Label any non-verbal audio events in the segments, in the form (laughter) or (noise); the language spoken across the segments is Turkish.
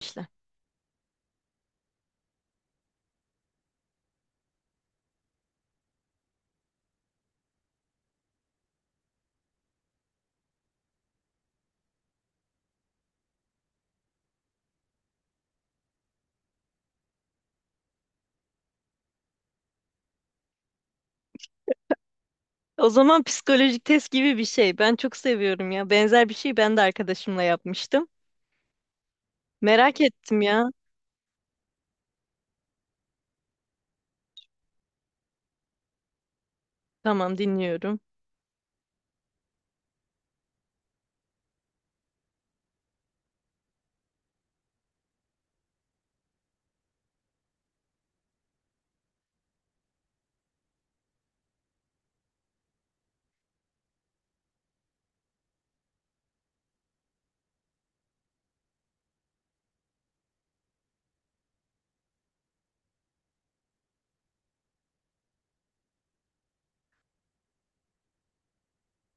İşte. O zaman psikolojik test gibi bir şey. Ben çok seviyorum ya. Benzer bir şey ben de arkadaşımla yapmıştım. Merak ettim ya. Tamam, dinliyorum.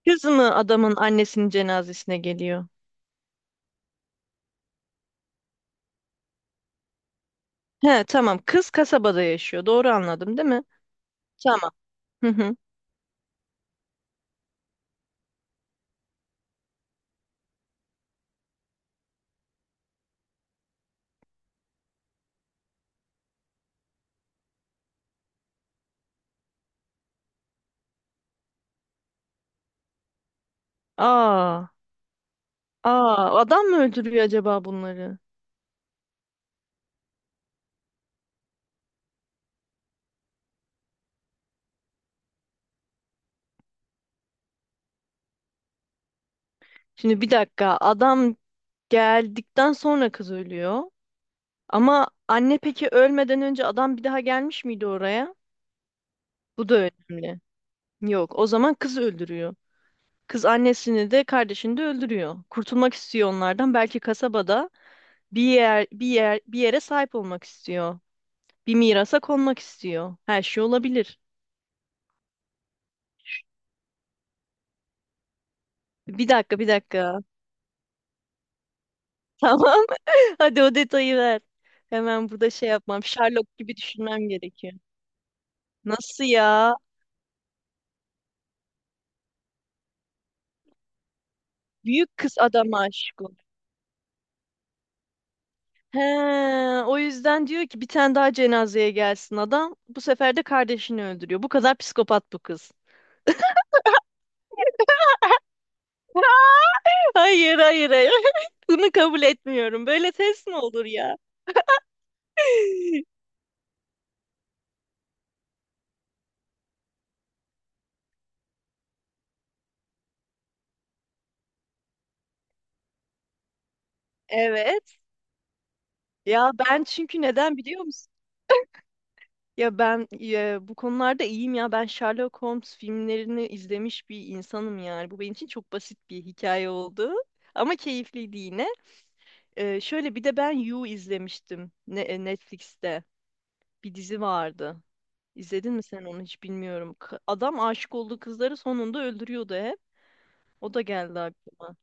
Kız mı adamın annesinin cenazesine geliyor? He, tamam. Kız kasabada yaşıyor. Doğru anladım değil mi? Tamam. Hı hı. Aa, aa, adam mı öldürüyor acaba bunları? Şimdi bir dakika. Adam geldikten sonra kız ölüyor. Ama anne peki ölmeden önce adam bir daha gelmiş miydi oraya? Bu da önemli. Yok, o zaman kız öldürüyor. Kız annesini de kardeşini de öldürüyor. Kurtulmak istiyor onlardan. Belki kasabada bir yere sahip olmak istiyor. Bir mirasa konmak istiyor. Her şey olabilir. Bir dakika, bir dakika. (laughs) Tamam. (laughs) Hadi o detayı ver. Hemen burada şey yapmam. Sherlock gibi düşünmem gerekiyor. Nasıl ya? Büyük kız adama aşık oluyor. He, o yüzden diyor ki bir tane daha cenazeye gelsin adam. Bu sefer de kardeşini öldürüyor. Bu kadar psikopat bu kız. Hayır, hayır, hayır. (laughs) Bunu kabul etmiyorum. Böyle test mi olur ya? (laughs) Evet. Ya ben, çünkü neden biliyor musun? Ya ben bu konularda iyiyim ya. Ben Sherlock Holmes filmlerini izlemiş bir insanım yani. Bu benim için çok basit bir hikaye oldu. Ama keyifliydi yine. Şöyle bir de ben You izlemiştim Netflix'te. Bir dizi vardı. İzledin mi sen onu hiç bilmiyorum. Adam aşık olduğu kızları sonunda öldürüyordu hep. O da geldi aklıma.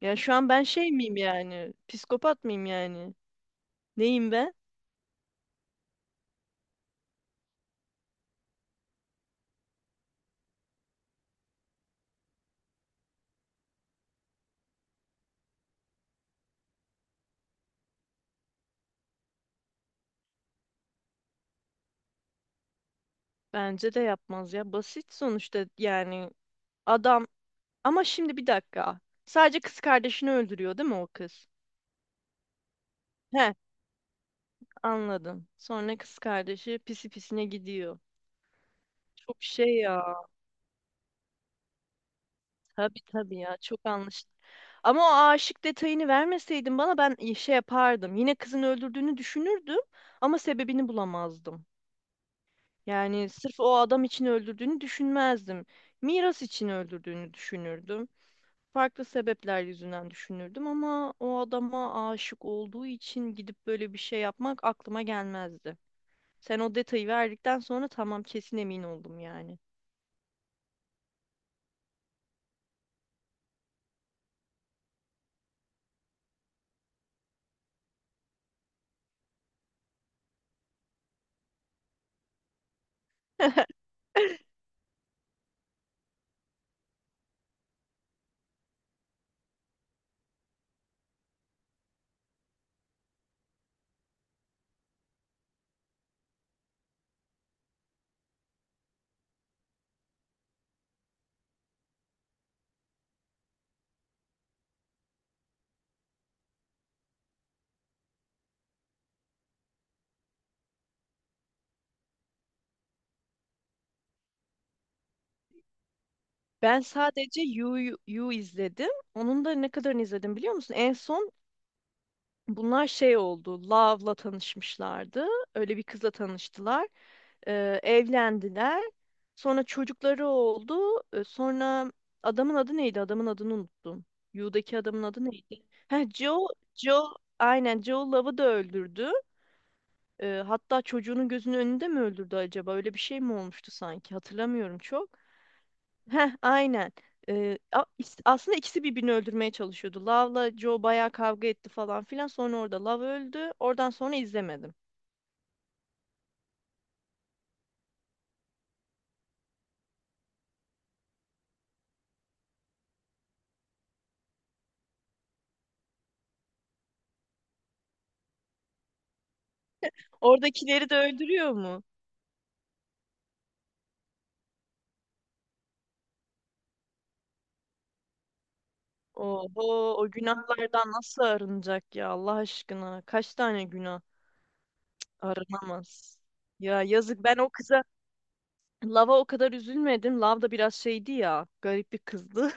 Ya şu an ben şey miyim yani? Psikopat mıyım yani? Neyim ben? Bence de yapmaz ya. Basit sonuçta yani adam. Ama şimdi bir dakika. Sadece kız kardeşini öldürüyor değil mi o kız? He, anladım. Sonra kız kardeşi pisi pisine gidiyor. Çok şey ya. Tabii tabii ya. Çok anlaşıldı. Ama o aşık detayını vermeseydin bana ben şey yapardım. Yine kızın öldürdüğünü düşünürdüm ama sebebini bulamazdım. Yani sırf o adam için öldürdüğünü düşünmezdim. Miras için öldürdüğünü düşünürdüm. Farklı sebepler yüzünden düşünürdüm ama o adama aşık olduğu için gidip böyle bir şey yapmak aklıma gelmezdi. Sen o detayı verdikten sonra tamam, kesin emin oldum yani. (laughs) Ben sadece You, You izledim. Onun da ne kadarını izledim biliyor musun? En son bunlar şey oldu. Love'la tanışmışlardı. Öyle bir kızla tanıştılar. Evlendiler. Sonra çocukları oldu. Sonra adamın adı neydi? Adamın adını unuttum. Yu'daki adamın adı neydi? Ha, Joe, Joe, aynen Joe Love'ı da öldürdü. Hatta çocuğunun gözünün önünde mi öldürdü acaba? Öyle bir şey mi olmuştu sanki? Hatırlamıyorum çok. Heh, aynen. Aslında ikisi birbirini öldürmeye çalışıyordu. Love'la Joe bayağı kavga etti falan filan. Sonra orada Love öldü. Oradan sonra izlemedim. Oradakileri de öldürüyor mu? Oho, o günahlardan nasıl arınacak ya Allah aşkına? Kaç tane günah arınamaz? Ya yazık, ben o kıza Lava o kadar üzülmedim. Lav da biraz şeydi ya. Garip bir kızdı.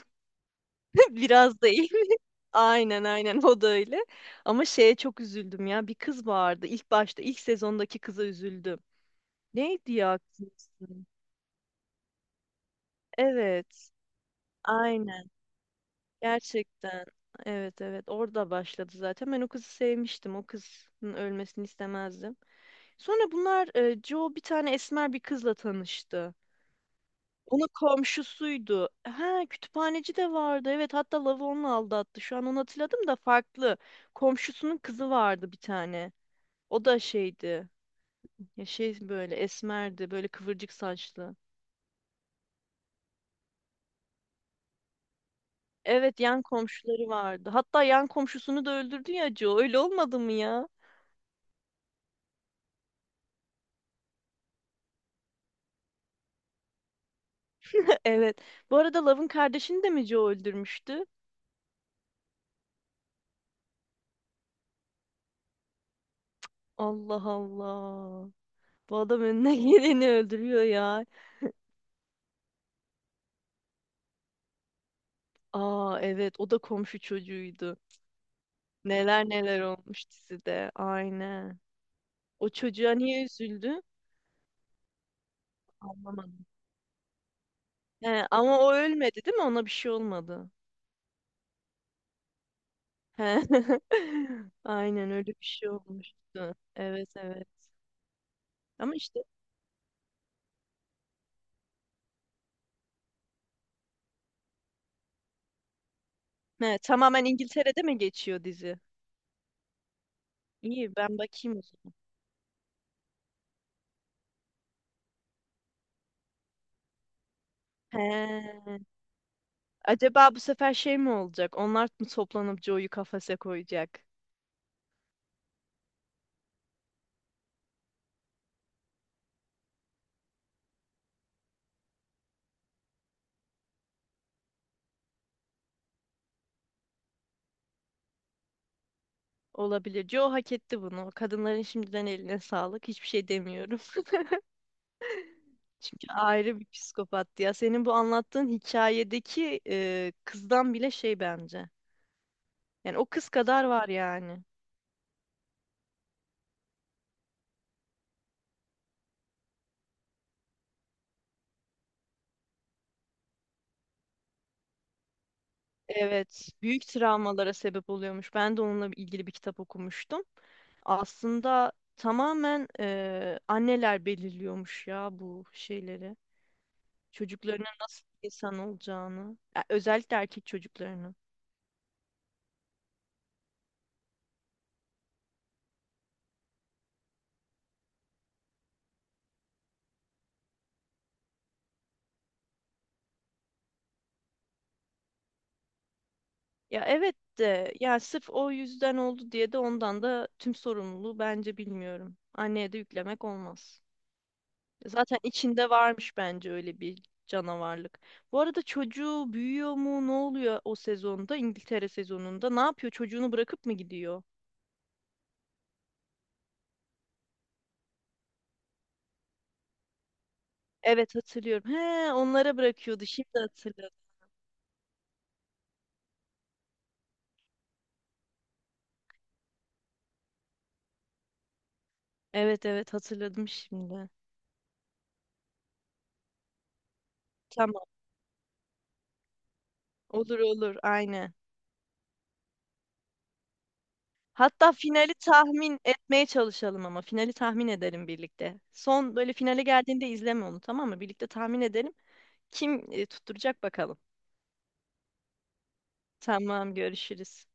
(laughs) Biraz değil. (laughs) Aynen aynen o da öyle. Ama şeye çok üzüldüm ya. Bir kız vardı. İlk başta ilk sezondaki kıza üzüldüm. Neydi ya kızın ismi? Evet. Aynen. Gerçekten. Evet, evet, orada başladı zaten. Ben o kızı sevmiştim. O kızın ölmesini istemezdim. Sonra bunlar Joe bir tane esmer bir kızla tanıştı. Onun komşusuydu. Ha, kütüphaneci de vardı. Evet, hatta Lav'ı onunla aldattı. Şu an onu hatırladım da farklı. Komşusunun kızı vardı bir tane. O da şeydi. Ya şey böyle esmerdi. Böyle kıvırcık saçlı. Evet, yan komşuları vardı. Hatta yan komşusunu da öldürdü ya Joe. Öyle olmadı mı ya? Evet. Bu arada Love'ın kardeşini de mi Joe öldürmüştü? Allah Allah. Bu adam önüne (laughs) geleni öldürüyor ya. Aa evet, o da komşu çocuğuydu. Neler neler olmuş dizide. Aynen. O çocuğa niye üzüldü? Anlamadım. He, ama o ölmedi değil mi? Ona bir şey olmadı. He. (laughs) Aynen öyle bir şey olmuştu. Evet, evet. Ama işte he, tamamen İngiltere'de mi geçiyor dizi? İyi, ben bakayım o zaman. He. Acaba bu sefer şey mi olacak? Onlar mı toplanıp Joe'yu kafese koyacak? Olabilir. Joe hak etti bunu. Kadınların şimdiden eline sağlık. Hiçbir şey demiyorum. (laughs) Çünkü ayrı bir psikopattı ya. Senin bu anlattığın hikayedeki kızdan bile şey bence. Yani o kız kadar var yani. Evet, büyük travmalara sebep oluyormuş. Ben de onunla ilgili bir kitap okumuştum. Aslında tamamen anneler belirliyormuş ya bu şeyleri. Çocuklarının nasıl insan olacağını, ya özellikle erkek çocuklarını. Ya evet de ya sırf o yüzden oldu diye de ondan da tüm sorumluluğu bence bilmiyorum. Anneye de yüklemek olmaz. Zaten içinde varmış bence öyle bir canavarlık. Bu arada çocuğu büyüyor mu? Ne oluyor o sezonda? İngiltere sezonunda ne yapıyor? Çocuğunu bırakıp mı gidiyor? Evet, hatırlıyorum. He, onlara bırakıyordu. Şimdi hatırladım. Evet, evet, hatırladım şimdi. Tamam. Olur olur. Aynen. Hatta finali tahmin etmeye çalışalım ama finali tahmin edelim birlikte. Son böyle finale geldiğinde izleme onu, tamam mı? Birlikte tahmin edelim. Kim tutturacak bakalım. Tamam, görüşürüz.